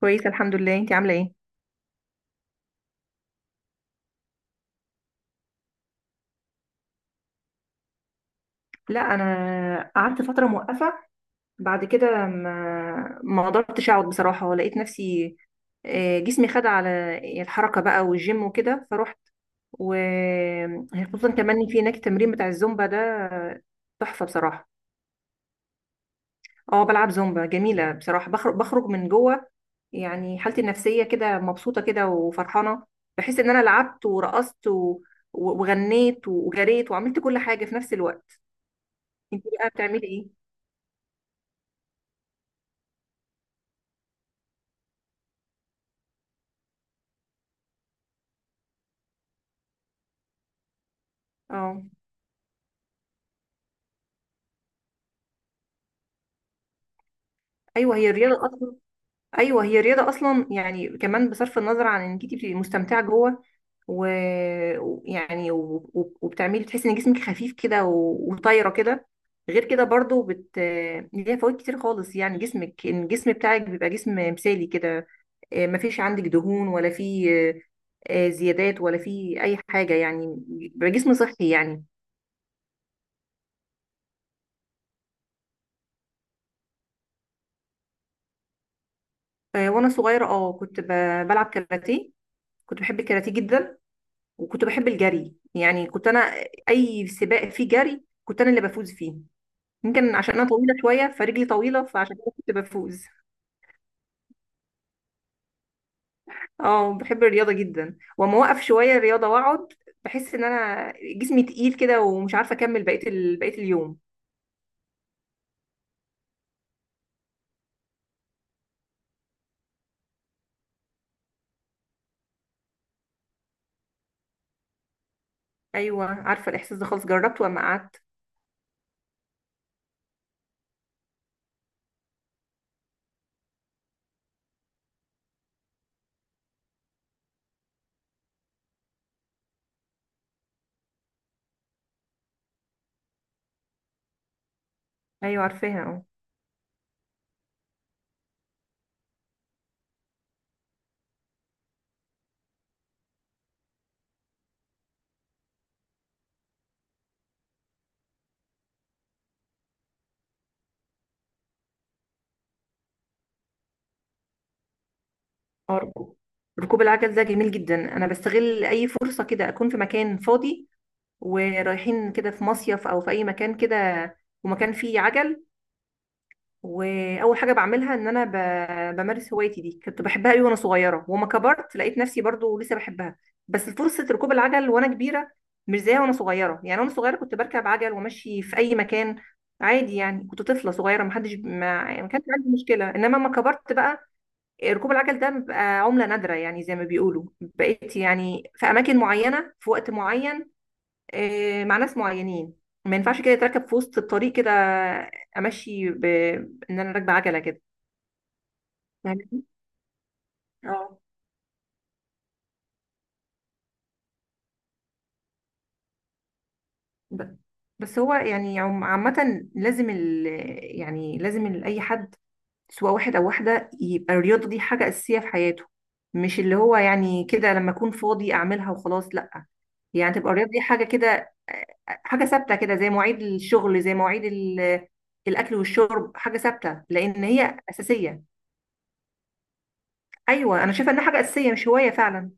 كويسة الحمد لله، انتي عاملة ايه؟ لا انا قعدت فترة موقفة. بعد كده ما قدرتش اقعد بصراحة، ولقيت نفسي جسمي خد على الحركة بقى والجيم وكده فروحت. وخصوصا كمان إن في هناك التمرين بتاع الزومبا ده تحفة بصراحة. اه بلعب زومبا، جميلة بصراحة، بخرج من جوه، يعني حالتي النفسية كده مبسوطة كده وفرحانة. بحس ان انا لعبت ورقصت وغنيت وجريت وعملت كل حاجة في نفس الوقت. انت بقى بتعملي ايه؟ اه، ايوه هي الرياضه اصلا، ايوه هي الرياضه اصلا يعني كمان بصرف النظر عن انك انت بتبقي مستمتعه جوه و- و وبتعملي تحسي ان جسمك خفيف كده وطايره كده. غير كده برضو ليها فوائد كتير خالص، يعني جسمك ان الجسم بتاعك بيبقى جسم مثالي كده. مفيش عندك دهون ولا في زيادات ولا في اي حاجه، يعني بيبقى جسم صحي يعني. وانا صغيره اه كنت بلعب كاراتيه، كنت بحب الكاراتيه جدا، وكنت بحب الجري. يعني كنت انا اي سباق فيه جري كنت انا اللي بفوز فيه. يمكن عشان انا طويله شويه فرجلي طويله فعشان كده كنت بفوز. اه بحب الرياضه جدا، واما اوقف شويه الرياضه واقعد بحس ان انا جسمي تقيل كده ومش عارفه اكمل بقيه اليوم. ايوه عارفه الاحساس ده خالص، جربته اما قعدت. ايوه عارفاها اه. آه، ركوب ركوب العجل ده جميل جدا، انا بستغل اي فرصه كده اكون في مكان فاضي، ورايحين كده في مصيف او في اي مكان كده ومكان فيه عجل. واول حاجه بعملها ان انا بمارس هوايتي دي، كنت بحبها قوي وانا صغيره، وما كبرت لقيت نفسي برضو لسه بحبها. بس فرصه ركوب العجل وانا كبيره مش زيها وانا صغيره. يعني وانا صغيره كنت بركب عجل وامشي في اي مكان عادي، يعني كنت طفله صغيره ما حدش ما كانش عندي مشكله. انما لما كبرت بقى ركوب العجل ده بقى عمله نادره، يعني زي ما بيقولوا بقيت يعني في اماكن معينه في وقت معين، مع ناس معينين. ما ينفعش كده يتركب في وسط الطريق كده، امشي ب... ان انا راكبه عجله كده، فاهمني؟ اه. ب- بس هو يعني عامه لازم يعني لازم اي حد سواء واحد او واحده يبقى الرياضه دي حاجه اساسيه في حياته، مش اللي هو يعني كده لما اكون فاضي اعملها وخلاص، لا. يعني تبقى الرياضه دي حاجه كده، حاجه ثابته كده زي مواعيد الشغل، زي مواعيد الاكل والشرب، حاجه ثابته لان هي اساسيه. ايوه انا شايفه انها حاجه اساسيه مش هوايه فعلا.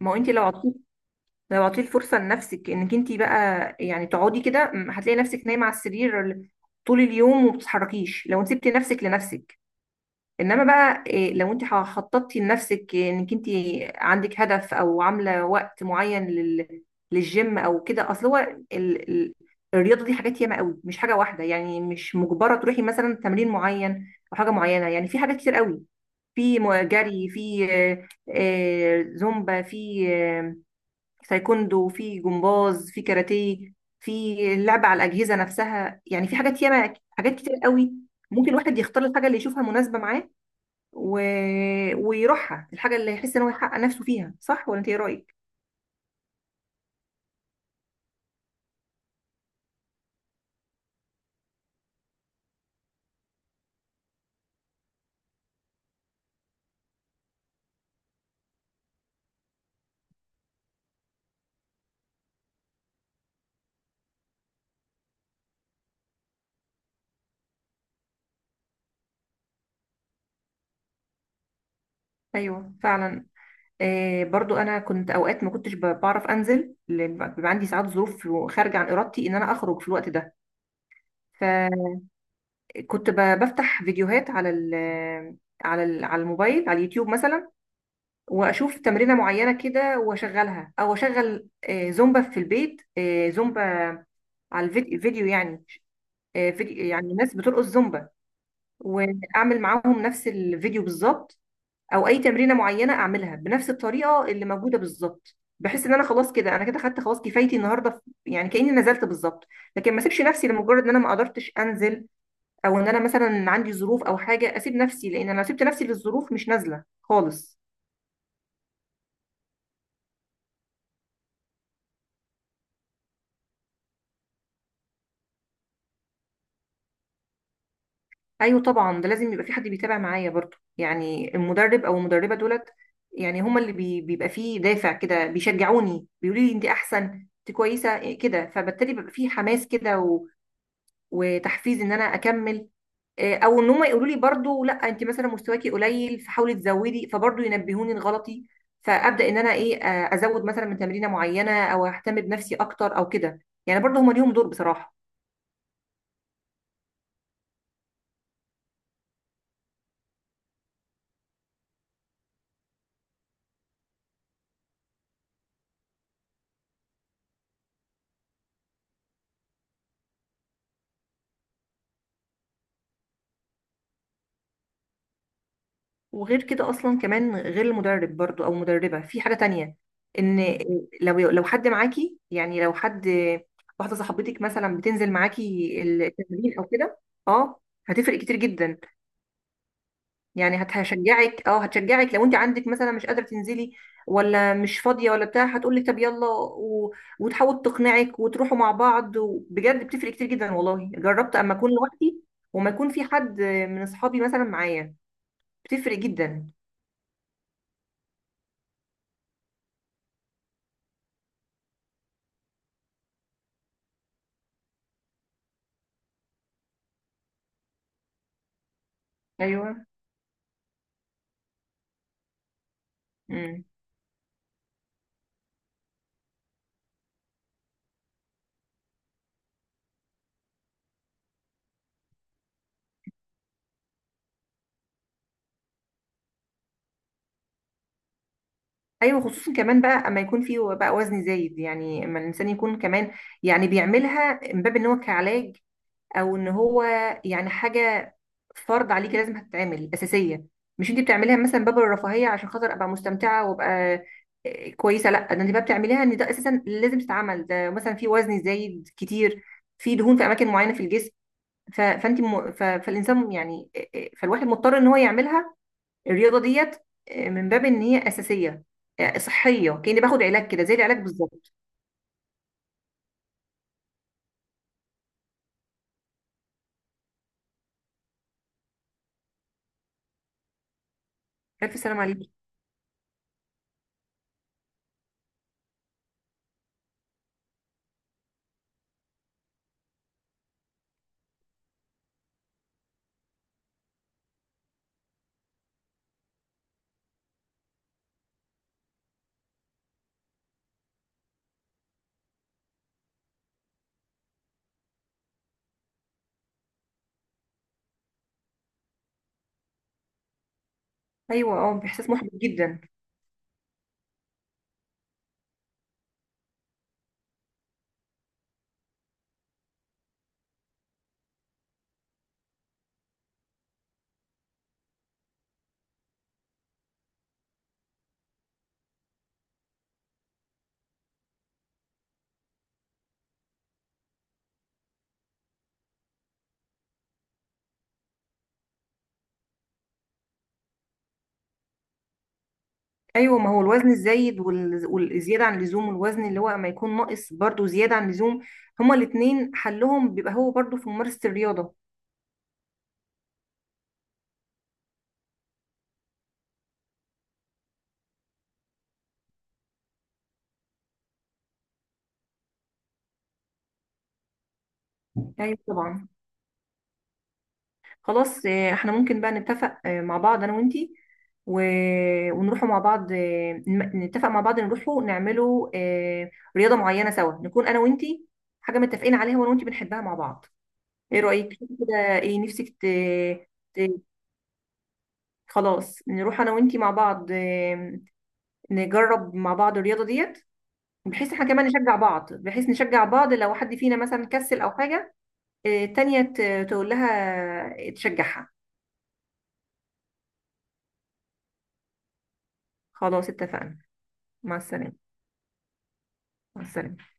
ما هو انت لو عطيتي الفرصه لنفسك انك انت بقى يعني تقعدي كده، هتلاقي نفسك نايمه على السرير طول اليوم وما بتتحركيش، لو انت سبتي نفسك لنفسك. انما بقى إيه، لو انت خططتي لنفسك انك انت عندك هدف، او عامله وقت معين للجيم او كده. اصل هو ال... ال... الرياضه دي حاجات ياما قوي، مش حاجه واحده يعني، مش مجبره تروحي مثلا تمرين معين او حاجه معينه، يعني في حاجات كتير قوي. في جري، في زومبا، في تايكوندو، في جمباز، في كاراتيه، في اللعب على الأجهزة نفسها. يعني في حاجات ياما، حاجات كتير قوي. ممكن الواحد يختار الحاجة اللي يشوفها مناسبة معاه و... ويروحها، الحاجة اللي يحس ان هو يحقق نفسه فيها. صح ولا انت ايه رأيك؟ ايوه فعلا. برضو انا كنت اوقات ما كنتش بعرف انزل، بيبقى عندي ساعات ظروف خارجة عن ارادتي ان انا اخرج في الوقت ده. ف كنت بفتح فيديوهات على الموبايل، على اليوتيوب مثلا، واشوف تمرينه معينه كده واشغلها، او اشغل زومبا في البيت. زومبا على الفيديو يعني، فيديو يعني ناس بترقص زومبا، واعمل معاهم نفس الفيديو بالظبط. او اي تمرينه معينه اعملها بنفس الطريقه اللي موجوده بالظبط، بحس ان انا خلاص كده انا كده خدت خلاص كفايتي النهارده، يعني كاني نزلت بالظبط. لكن ما اسيبش نفسي لمجرد ان انا ما قدرتش انزل، او ان انا مثلا عندي ظروف او حاجه اسيب نفسي، لان انا لو سبت نفسي للظروف مش نازله خالص. ايوه طبعا، ده لازم يبقى في حد بيتابع معايا برضو، يعني المدرب او المدربه دولت يعني هما اللي بيبقى فيه دافع كده، بيشجعوني بيقولوا لي انت احسن، انت كويسه إيه كده، فبالتالي بيبقى فيه حماس كده وتحفيز ان انا اكمل. او ان هم يقولوا لي برضو لا انت مثلا مستواكي قليل فحاولي تزودي، فبرضو ينبهوني لغلطي، فابدا ان انا ايه ازود مثلا من تمرينه معينه، او اهتم بنفسي اكتر او كده. يعني برضو هم ليهم دور بصراحه. وغير كده اصلا كمان غير المدرب برضو او مدربه، في حاجه تانية، ان لو حد معاكي، يعني لو حد، واحده صاحبتك مثلا بتنزل معاكي التمرين او كده، اه، هتفرق كتير جدا. يعني هشجعك، اه هتشجعك لو انت عندك مثلا مش قادره تنزلي، ولا مش فاضيه ولا بتاع، هتقول لك طب يلا وتحاول تقنعك وتروحوا مع بعض. بجد بتفرق كتير جدا والله، جربت اما اكون لوحدي وما يكون في حد من اصحابي مثلا معايا، بتفرق جدا. ايوه، امم، ايوه خصوصا كمان بقى اما يكون في بقى وزن زايد، يعني اما الانسان يكون كمان يعني بيعملها من باب ان هو كعلاج، او ان هو يعني حاجه فرض عليكي لازم هتتعمل اساسيه. مش انت بتعمليها مثلا باب الرفاهيه عشان خاطر ابقى مستمتعه وابقى كويسه، لا، ده انت بقى بتعمليها ان ده اساسا لازم تتعمل، ده مثلا في وزن زايد كتير، في دهون في اماكن معينه في الجسم. فالانسان يعني فالواحد مضطر ان هو يعملها، الرياضه ديت، من باب ان هي اساسيه، صحيه، كاني باخد علاج كده زي العلاج بالظبط. الف سلام عليك. ايوه اه، احساس محبط جدا. ايوه ما هو الوزن الزايد والزياده عن اللزوم، والوزن اللي هو ما يكون ناقص برضو زياده عن اللزوم، هما الاتنين حلهم بيبقى هو برضو في ممارسه الرياضه. ايوه طبعا. خلاص احنا ممكن بقى نتفق مع بعض انا وانتي و... ونروحوا مع بعض، نتفق مع بعض نروحوا نعملوا رياضه معينه سوا نكون انا وانتي، حاجه متفقين عليها وانا وانتي بنحبها مع بعض. ايه رايك كده؟ ايه نفسك ت... خلاص نروح انا وانتي مع بعض، نجرب مع بعض الرياضه ديت، بحيث احنا كمان نشجع بعض، بحيث نشجع بعض لو حد فينا مثلا كسل او حاجه، التانيه تقول لها تشجعها. خلاص اتفقنا. مع السلامه. مع السلامه.